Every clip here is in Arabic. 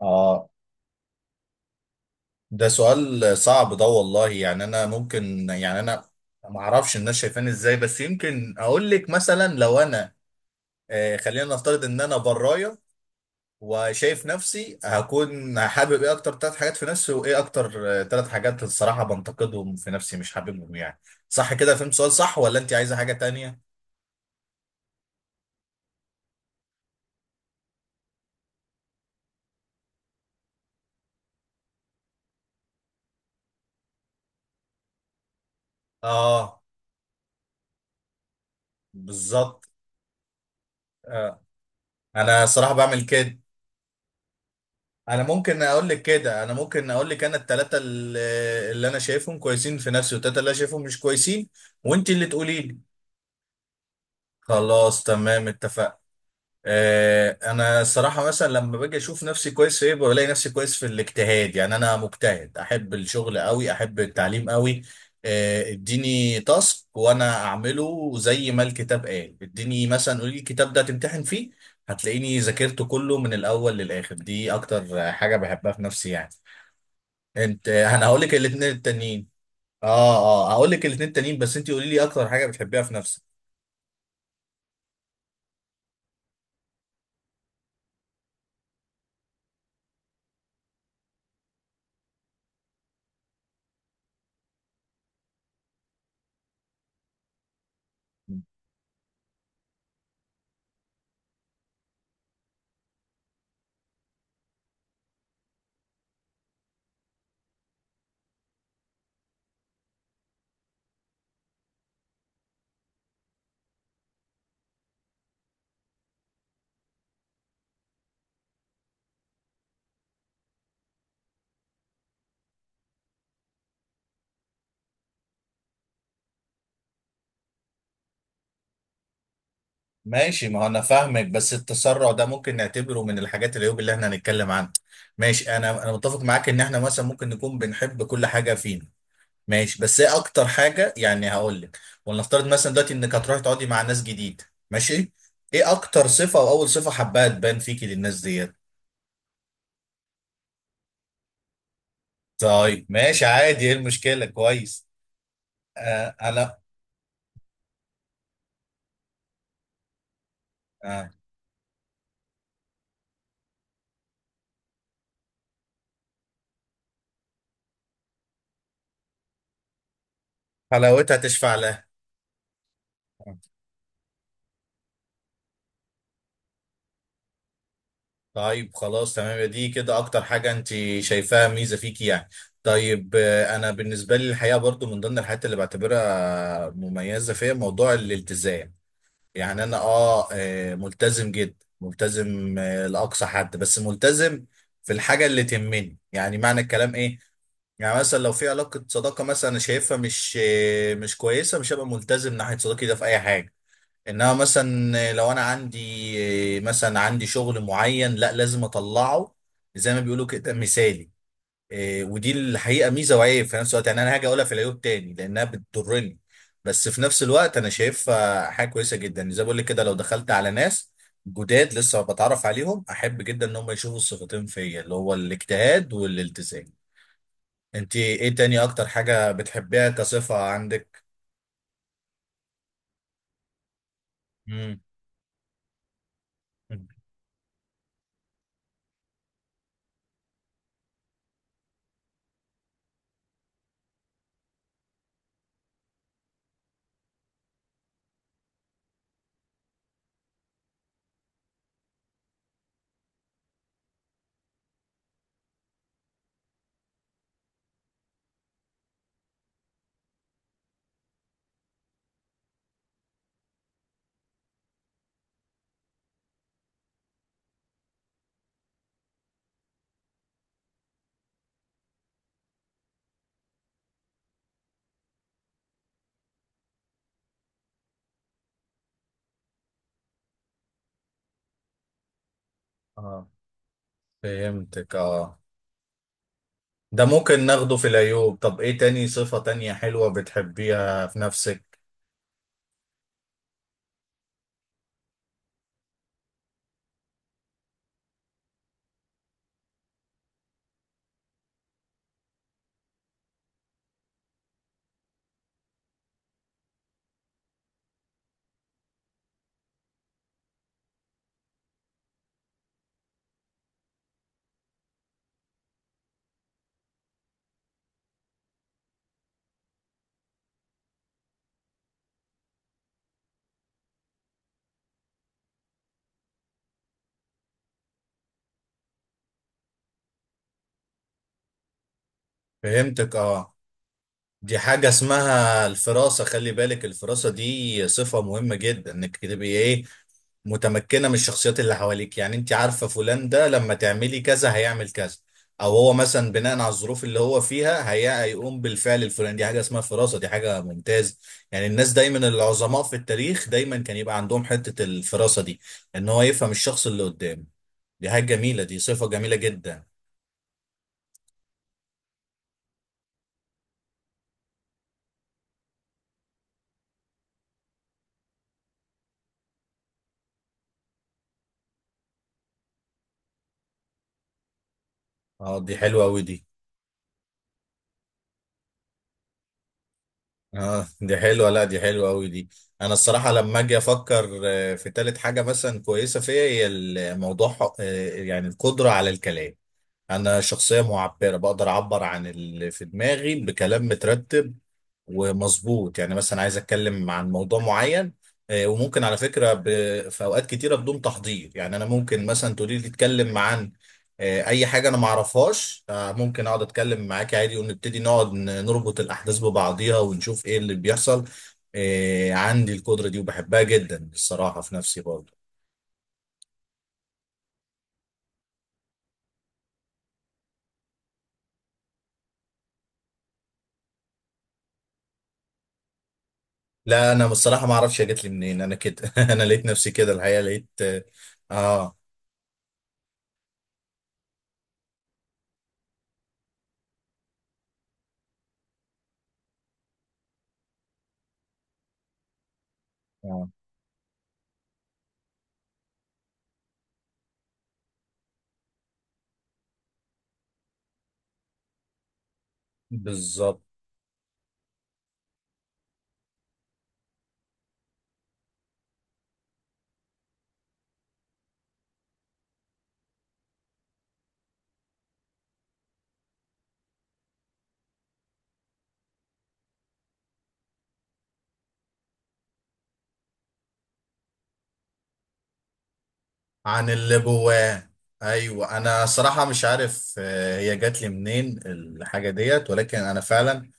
اه، ده سؤال صعب ده والله. يعني انا ممكن يعني انا ما اعرفش الناس شايفاني ازاي، بس يمكن اقول لك مثلا لو انا خلينا نفترض ان انا برايه وشايف نفسي هكون حابب ايه اكتر ثلاث حاجات في نفسي، وايه اكتر ثلاث حاجات الصراحه بنتقدهم في نفسي مش حاببهم يعني. صح كده، فهمت سؤال صح ولا انت عايزه حاجه تانية؟ اه، بالظبط. آه. انا الصراحه بعمل كده. انا ممكن اقول لك كده، انا ممكن اقول لك انا الثلاثه اللي انا شايفهم كويسين في نفسي والثلاثه اللي انا شايفهم مش كويسين، وانت اللي تقولي لي. خلاص تمام، اتفقنا. انا الصراحه مثلا لما باجي اشوف نفسي كويس في ايه بلاقي نفسي كويس في الاجتهاد. يعني انا مجتهد، احب الشغل قوي، احب التعليم قوي. اديني تاسك وانا اعمله زي ما الكتاب قال. اديني مثلا، قولي لي الكتاب ده تمتحن فيه هتلاقيني ذاكرته كله من الاول للاخر. دي اكتر حاجه بحبها في نفسي يعني. انت، انا هقول لك الاثنين التانيين. اه اه، هقول لك الاثنين التانيين بس انت قولي لي اكتر حاجه بتحبيها في نفسك. ماشي، ما هو انا فاهمك، بس التسرع ده ممكن نعتبره من الحاجات العيوب اللي احنا هنتكلم عنها. ماشي، انا متفق معاك ان احنا مثلا ممكن نكون بنحب كل حاجه فينا. ماشي، بس ايه اكتر حاجه يعني هقول لك. ولنفترض مثلا دلوقتي انك هتروحي تقعدي مع ناس جديد. ماشي. ايه اكتر صفه، او اول صفه حباها تبان فيكي للناس ديت؟ طيب ماشي، عادي، ايه المشكله؟ كويس. آه انا. آه، حلاوتها تشفع لها. طيب خلاص تمام، يا دي كده اكتر حاجة انت شايفاها ميزة فيكي يعني. طيب انا بالنسبة لي الحقيقة برضو من ضمن الحاجات اللي بعتبرها مميزة فيها موضوع الالتزام. يعني انا ملتزم جدا، ملتزم، لأقصى حد، بس ملتزم في الحاجة اللي تهمني. يعني معنى الكلام ايه؟ يعني مثلا لو في علاقة صداقة مثلا انا شايفها مش مش كويسة، مش هبقى ملتزم ناحية صداقتي ده في اي حاجة. انما مثلا لو انا عندي مثلا عندي شغل معين، لا لازم اطلعه زي ما بيقولوا كده، مثالي. ودي الحقيقه ميزه وعيب في نفس الوقت. يعني انا هاجي اقولها في العيوب تاني لانها بتضرني، بس في نفس الوقت انا شايفها حاجه كويسه جدا. زي ما بقول لك كده، لو دخلت على ناس جداد لسه بتعرف عليهم، احب جدا ان هم يشوفوا الصفتين فيا، اللي هو الاجتهاد والالتزام. انت ايه تاني اكتر حاجه بتحبيها كصفه عندك؟ امم اه، فهمتك. اه ده ممكن ناخده في العيوب. طب ايه تاني، صفة تانية حلوة بتحبيها في نفسك؟ فهمتك. اه، دي حاجة اسمها الفراسة. خلي بالك، الفراسة دي صفة مهمة جدا، انك تبقي ايه، متمكنة من الشخصيات اللي حواليك. يعني انت عارفة فلان ده لما تعملي كذا هيعمل كذا، او هو مثلا بناء على الظروف اللي هو فيها هيقوم بالفعل الفلاني. دي حاجة اسمها فراسة، دي حاجة ممتازة. يعني الناس دايما، العظماء في التاريخ دايما كان يبقى عندهم حتة الفراسة دي. ان هو يفهم الشخص اللي قدامه. دي حاجة جميلة، دي صفة جميلة جدا. اه دي حلوة أوي دي. اه دي حلوة، لا دي حلوة أوي دي. أنا الصراحة لما أجي أفكر في تالت حاجة مثلا كويسة فيا، هي الموضوع يعني القدرة على الكلام. انا شخصية معبرة، بقدر اعبر عن اللي في دماغي بكلام مترتب ومظبوط. يعني مثلا عايز اتكلم عن موضوع معين، آه، وممكن على فكرة ب... في اوقات كتيرة بدون تحضير. يعني انا ممكن مثلا تقولي لي اتكلم عن اي حاجة انا ما اعرفهاش، ممكن اقعد اتكلم معاكي عادي ونبتدي نقعد نربط الاحداث ببعضيها ونشوف ايه اللي بيحصل. عندي القدرة دي وبحبها جدا الصراحة في نفسي برضه. لا انا بصراحه ما اعرفش هي جت لي منين. انا كده انا لقيت نفسي كده الحقيقه، لقيت. اه اه، بالظبط. عن اللي جواه. ايوه، انا صراحه مش عارف هي جات لي منين الحاجه ديت، ولكن انا فعلا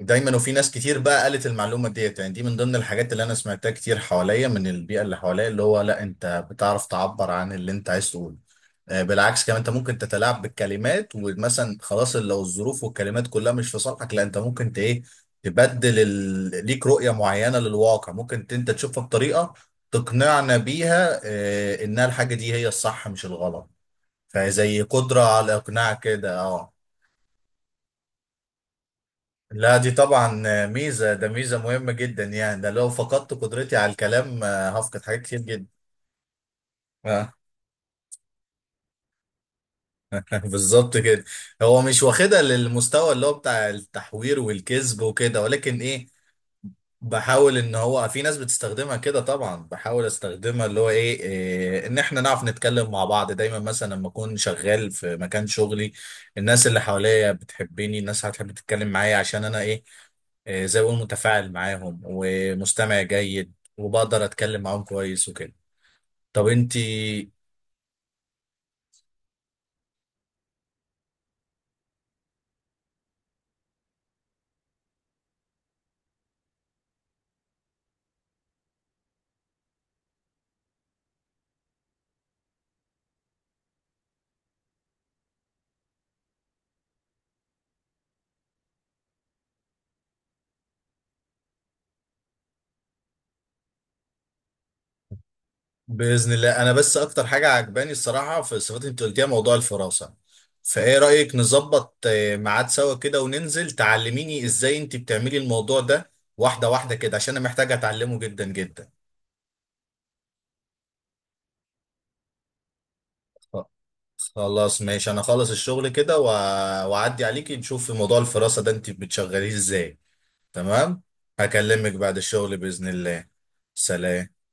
دايما. وفي ناس كتير بقى قالت المعلومه ديت، يعني دي من ضمن الحاجات اللي انا سمعتها كتير حواليا من البيئه اللي حواليا، اللي هو لا انت بتعرف تعبر عن اللي انت عايز تقوله. بالعكس كمان، انت ممكن تتلاعب بالكلمات، ومثلا خلاص لو الظروف والكلمات كلها مش في صالحك، لا انت ممكن ايه، تبدل ليك رؤية معينة للواقع، ممكن انت تشوفها بطريقة تقنعنا بيها، اه، انها الحاجة دي هي الصح مش الغلط. فزي قدرة على اقناع كده، اه. لا دي طبعا ميزة، ده ميزة مهمة جدا. يعني ده لو فقدت قدرتي على الكلام هفقد حاجات كتير جدا. آه. بالظبط كده. هو مش واخدها للمستوى اللي هو بتاع التحوير والكذب وكده، ولكن ايه، بحاول. ان هو في ناس بتستخدمها كده طبعا، بحاول استخدمها اللي هو ايه, إيه ان احنا نعرف نتكلم مع بعض دايما. مثلا لما اكون شغال في مكان شغلي الناس اللي حواليا بتحبني، الناس هتحب تتكلم معايا عشان انا ايه, إيه زي ما بقول متفاعل معاهم ومستمع جيد وبقدر اتكلم معاهم كويس وكده. طب انتي، باذن الله انا بس اكتر حاجه عجباني الصراحه في الصفات اللي انت قلتيها موضوع الفراسه. فايه رايك نظبط ميعاد سوا كده وننزل تعلميني ازاي انت بتعملي الموضوع ده، واحده واحده كده، عشان انا محتاجه اتعلمه جدا جدا. خ- خلاص ماشي، انا خلص الشغل كده واعدي عليكي نشوف في موضوع الفراسه ده انت بتشغليه ازاي. تمام. هكلمك بعد الشغل باذن الله. سلام.